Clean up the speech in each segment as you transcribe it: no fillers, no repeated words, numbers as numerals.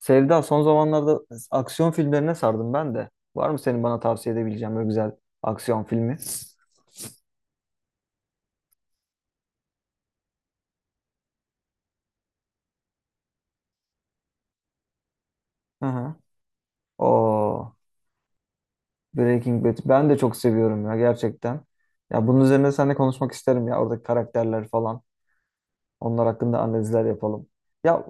Sevda son zamanlarda aksiyon filmlerine sardım ben de. Var mı senin bana tavsiye edebileceğin böyle güzel aksiyon filmi? Hı hı. Oo, Breaking Bad. Ben de çok seviyorum ya gerçekten. Ya bunun üzerine seninle konuşmak isterim ya oradaki karakterler falan. Onlar hakkında analizler yapalım. Ya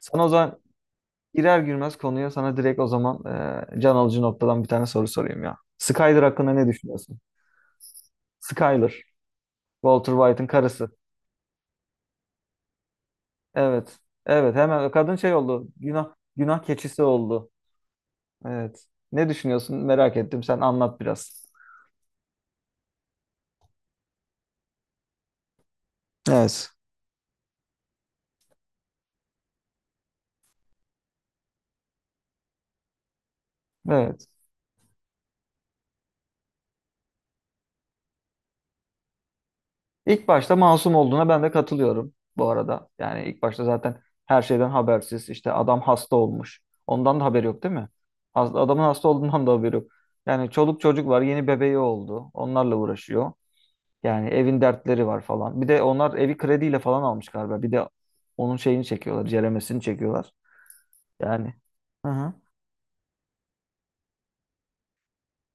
sana o zaman girer girmez konuya sana direkt o zaman can alıcı noktadan bir tane soru sorayım ya. Skyler hakkında ne düşünüyorsun? Skyler, Walter White'ın karısı. Evet. Evet hemen kadın şey oldu. Günah keçisi oldu. Evet. Ne düşünüyorsun? Merak ettim. Sen anlat biraz. Evet. Evet. İlk başta masum olduğuna ben de katılıyorum bu arada. Yani ilk başta zaten her şeyden habersiz. İşte adam hasta olmuş. Ondan da haberi yok değil mi? Adamın hasta olduğundan da haberi yok. Yani çoluk çocuk var. Yeni bebeği oldu. Onlarla uğraşıyor. Yani evin dertleri var falan. Bir de onlar evi krediyle falan almış galiba. Bir de onun şeyini çekiyorlar. Ceremesini çekiyorlar. Yani. Aha.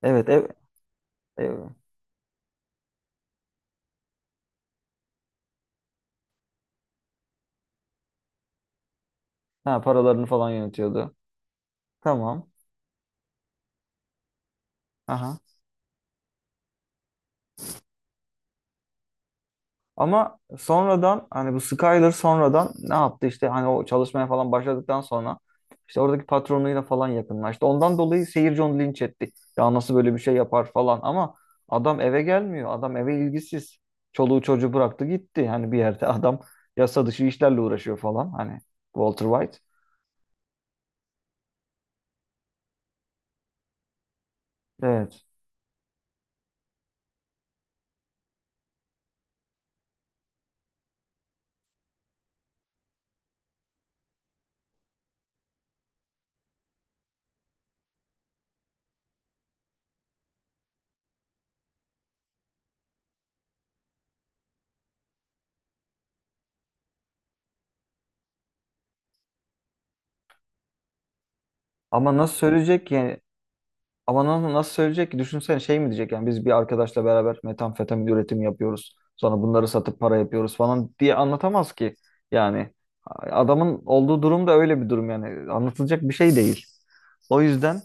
Evet, ev. Ha, paralarını falan yönetiyordu. Tamam. Aha. Ama sonradan hani bu Skyler sonradan ne yaptı işte hani o çalışmaya falan başladıktan sonra işte oradaki patronuyla falan yakınlaştı. Ondan dolayı seyirci onu linç etti. Ya nasıl böyle bir şey yapar falan ama adam eve gelmiyor. Adam eve ilgisiz. Çoluğu çocuğu bıraktı gitti. Yani bir yerde adam yasa dışı işlerle uğraşıyor falan. Hani Walter White. Evet. Ama nasıl söyleyecek ki? Yani ama nasıl söyleyecek ki? Düşünsene şey mi diyecek yani biz bir arkadaşla beraber metamfetamin üretimi yapıyoruz. Sonra bunları satıp para yapıyoruz falan diye anlatamaz ki. Yani adamın olduğu durum da öyle bir durum yani. Anlatılacak bir şey değil. O yüzden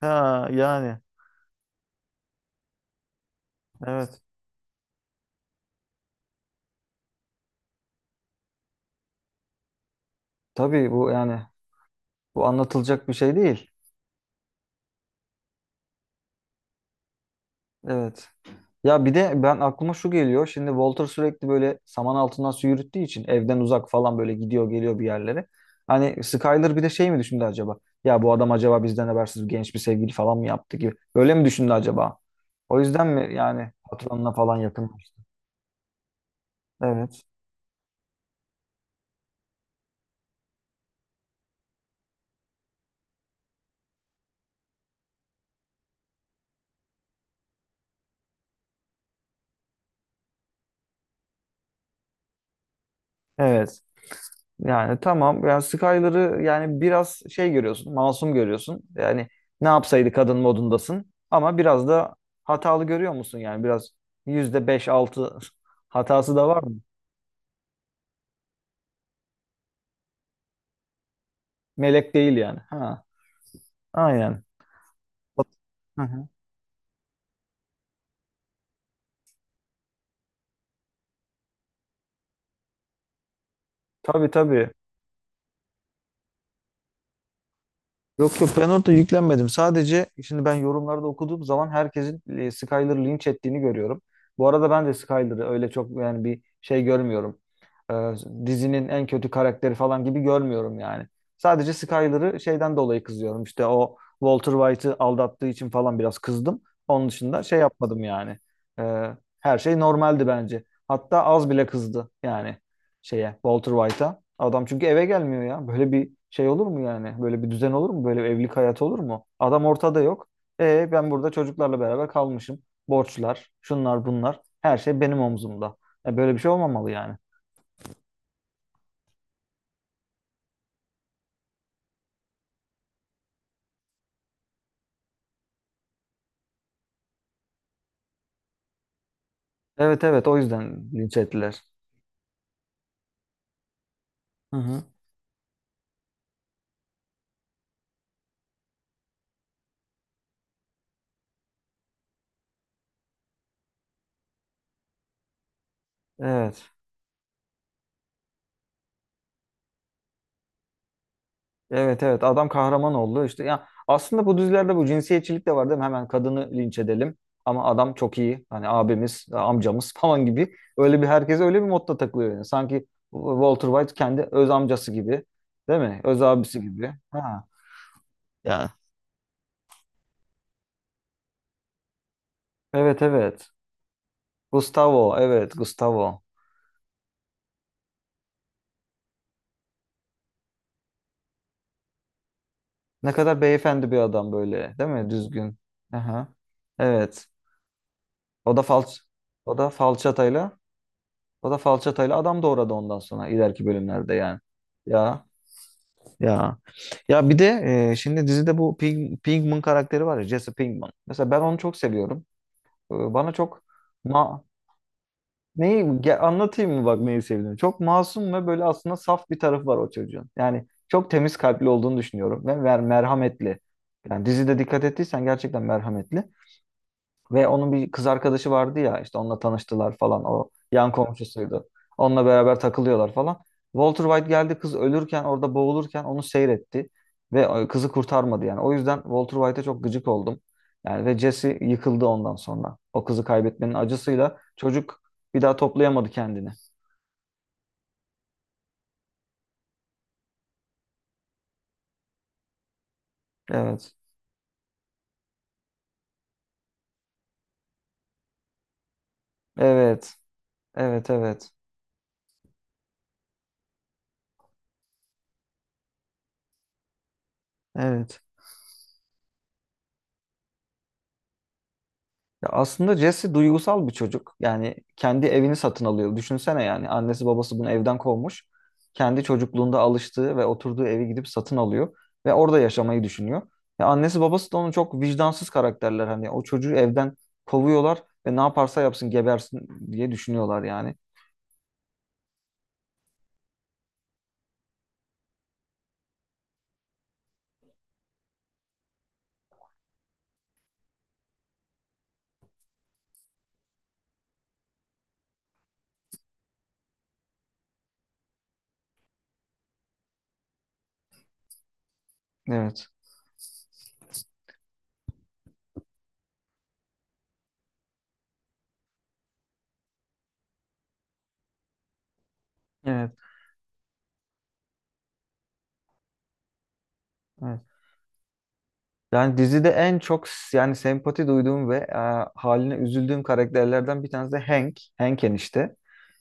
ha yani evet. Tabii bu yani bu anlatılacak bir şey değil. Evet. Ya bir de ben aklıma şu geliyor. Şimdi Walter sürekli böyle saman altından su yürüttüğü için evden uzak falan böyle gidiyor geliyor bir yerlere. Hani Skyler bir de şey mi düşündü acaba? Ya bu adam acaba bizden habersiz genç bir sevgili falan mı yaptı gibi. Öyle mi düşündü acaba? O yüzden mi yani patronuna falan yakınlaştı? Evet. Evet. Yani tamam. Yani Skyler'ı yani biraz şey görüyorsun, masum görüyorsun. Yani ne yapsaydı kadın modundasın. Ama biraz da hatalı görüyor musun? Yani biraz yüzde beş altı hatası da var mı? Melek değil yani. Ha, aynen. Hı hı. Tabii tabii. Yok yok ben orada yüklenmedim. Sadece şimdi ben yorumlarda okuduğum zaman herkesin Skyler'ı linç ettiğini görüyorum. Bu arada ben de Skyler'ı öyle çok yani bir şey görmüyorum. Ee, dizinin en kötü karakteri falan gibi görmüyorum yani. Sadece Skyler'ı şeyden dolayı kızıyorum. İşte o Walter White'ı aldattığı için falan biraz kızdım. Onun dışında şey yapmadım yani. Ee, her şey normaldi bence. Hatta az bile kızdı yani şeye Walter White'a. Adam çünkü eve gelmiyor ya. Böyle bir şey olur mu yani? Böyle bir düzen olur mu? Böyle bir evlilik hayatı olur mu? Adam ortada yok. E ben burada çocuklarla beraber kalmışım. Borçlar, şunlar bunlar. Her şey benim omzumda. E, böyle bir şey olmamalı yani. Evet evet o yüzden linç ettiler. Hı hı. Evet. Evet evet adam kahraman oldu işte ya aslında bu dizilerde bu cinsiyetçilik de var değil mi? Hemen kadını linç edelim ama adam çok iyi hani abimiz amcamız falan gibi öyle bir herkese öyle bir modda takılıyor yani sanki Walter White kendi öz amcası gibi değil mi? Öz abisi gibi. Ha. Ya evet evet Gustavo. Ne kadar beyefendi bir adam böyle değil mi? Düzgün. Aha. Evet o da falç o da falçatayla O da falçatayla adam doğradı ondan sonra ileriki bölümlerde yani. Ya ya. Ya bir de şimdi dizide bu Pinkman karakteri var ya Jesse Pinkman. Mesela ben onu çok seviyorum. E, bana çok ma anlatayım mı bak neyi sevdiğimi. Çok masum ve böyle aslında saf bir tarafı var o çocuğun. Yani çok temiz kalpli olduğunu düşünüyorum ve merhametli. Yani dizide dikkat ettiysen gerçekten merhametli. Ve onun bir kız arkadaşı vardı ya işte onunla tanıştılar falan o yan komşusuydu. Onunla beraber takılıyorlar falan. Walter White geldi kız ölürken orada boğulurken onu seyretti ve kızı kurtarmadı yani. O yüzden Walter White'e çok gıcık oldum. Yani ve Jesse yıkıldı ondan sonra. O kızı kaybetmenin acısıyla çocuk bir daha toplayamadı kendini. Evet. Evet. Evet, evet. Evet. Ya aslında Jesse duygusal bir çocuk. Yani kendi evini satın alıyor. Düşünsene yani annesi babası bunu evden kovmuş. Kendi çocukluğunda alıştığı ve oturduğu evi gidip satın alıyor ve orada yaşamayı düşünüyor. Ya annesi babası da onu çok vicdansız karakterler hani o çocuğu evden kovuyorlar ve ne yaparsa yapsın gebersin diye düşünüyorlar yani. Evet. Evet. Evet. Yani dizide en çok yani sempati duyduğum ve haline üzüldüğüm karakterlerden bir tanesi de Hank. Hank enişte.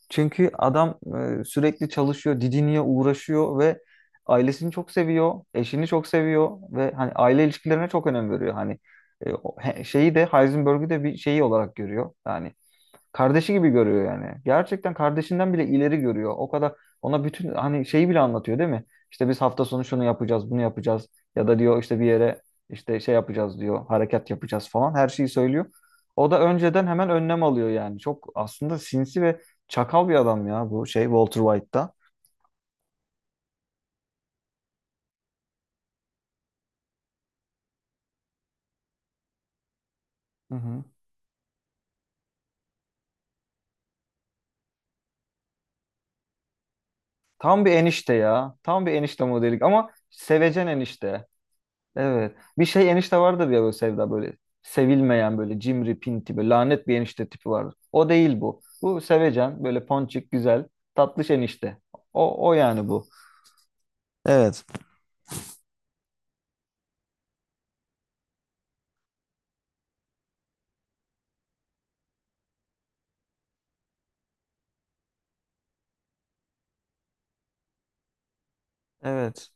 Çünkü adam sürekli çalışıyor, didiniyor, uğraşıyor ve ailesini çok seviyor, eşini çok seviyor ve hani aile ilişkilerine çok önem veriyor. Hani şeyi de Heisenberg'ü de bir şeyi olarak görüyor. Yani kardeşi gibi görüyor yani. Gerçekten kardeşinden bile ileri görüyor. O kadar ona bütün hani şeyi bile anlatıyor değil mi? İşte biz hafta sonu şunu yapacağız, bunu yapacağız ya da diyor işte bir yere işte şey yapacağız diyor, hareket yapacağız falan her şeyi söylüyor. O da önceden hemen önlem alıyor yani. Çok aslında sinsi ve çakal bir adam ya bu şey Walter White'da. Hı hı. Tam bir enişte ya. Tam bir enişte modelik ama sevecen enişte. Evet. Bir şey enişte vardır ya böyle Sevda böyle sevilmeyen böyle cimri pinti böyle lanet bir enişte tipi vardır. O değil bu. Bu sevecen böyle ponçik güzel tatlış enişte. O yani bu. Evet. Evet.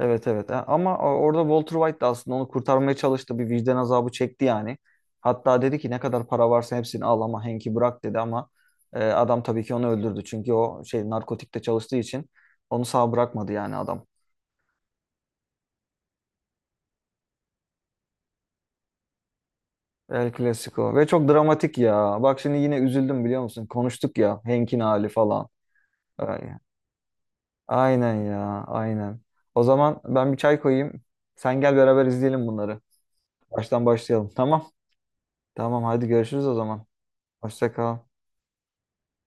Evet evet ha, ama orada Walter White da aslında onu kurtarmaya çalıştı. Bir vicdan azabı çekti yani. Hatta dedi ki ne kadar para varsa hepsini al ama Hank'i bırak dedi ama adam tabii ki onu öldürdü. Çünkü o şey narkotikte çalıştığı için onu sağ bırakmadı yani adam. El Clasico ve çok dramatik ya. Bak şimdi yine üzüldüm biliyor musun? Konuştuk ya Hank'in hali falan. Ay, aynen ya aynen. O zaman ben bir çay koyayım. Sen gel beraber izleyelim bunları. Baştan başlayalım tamam. Tamam hadi görüşürüz o zaman. Hoşça kal.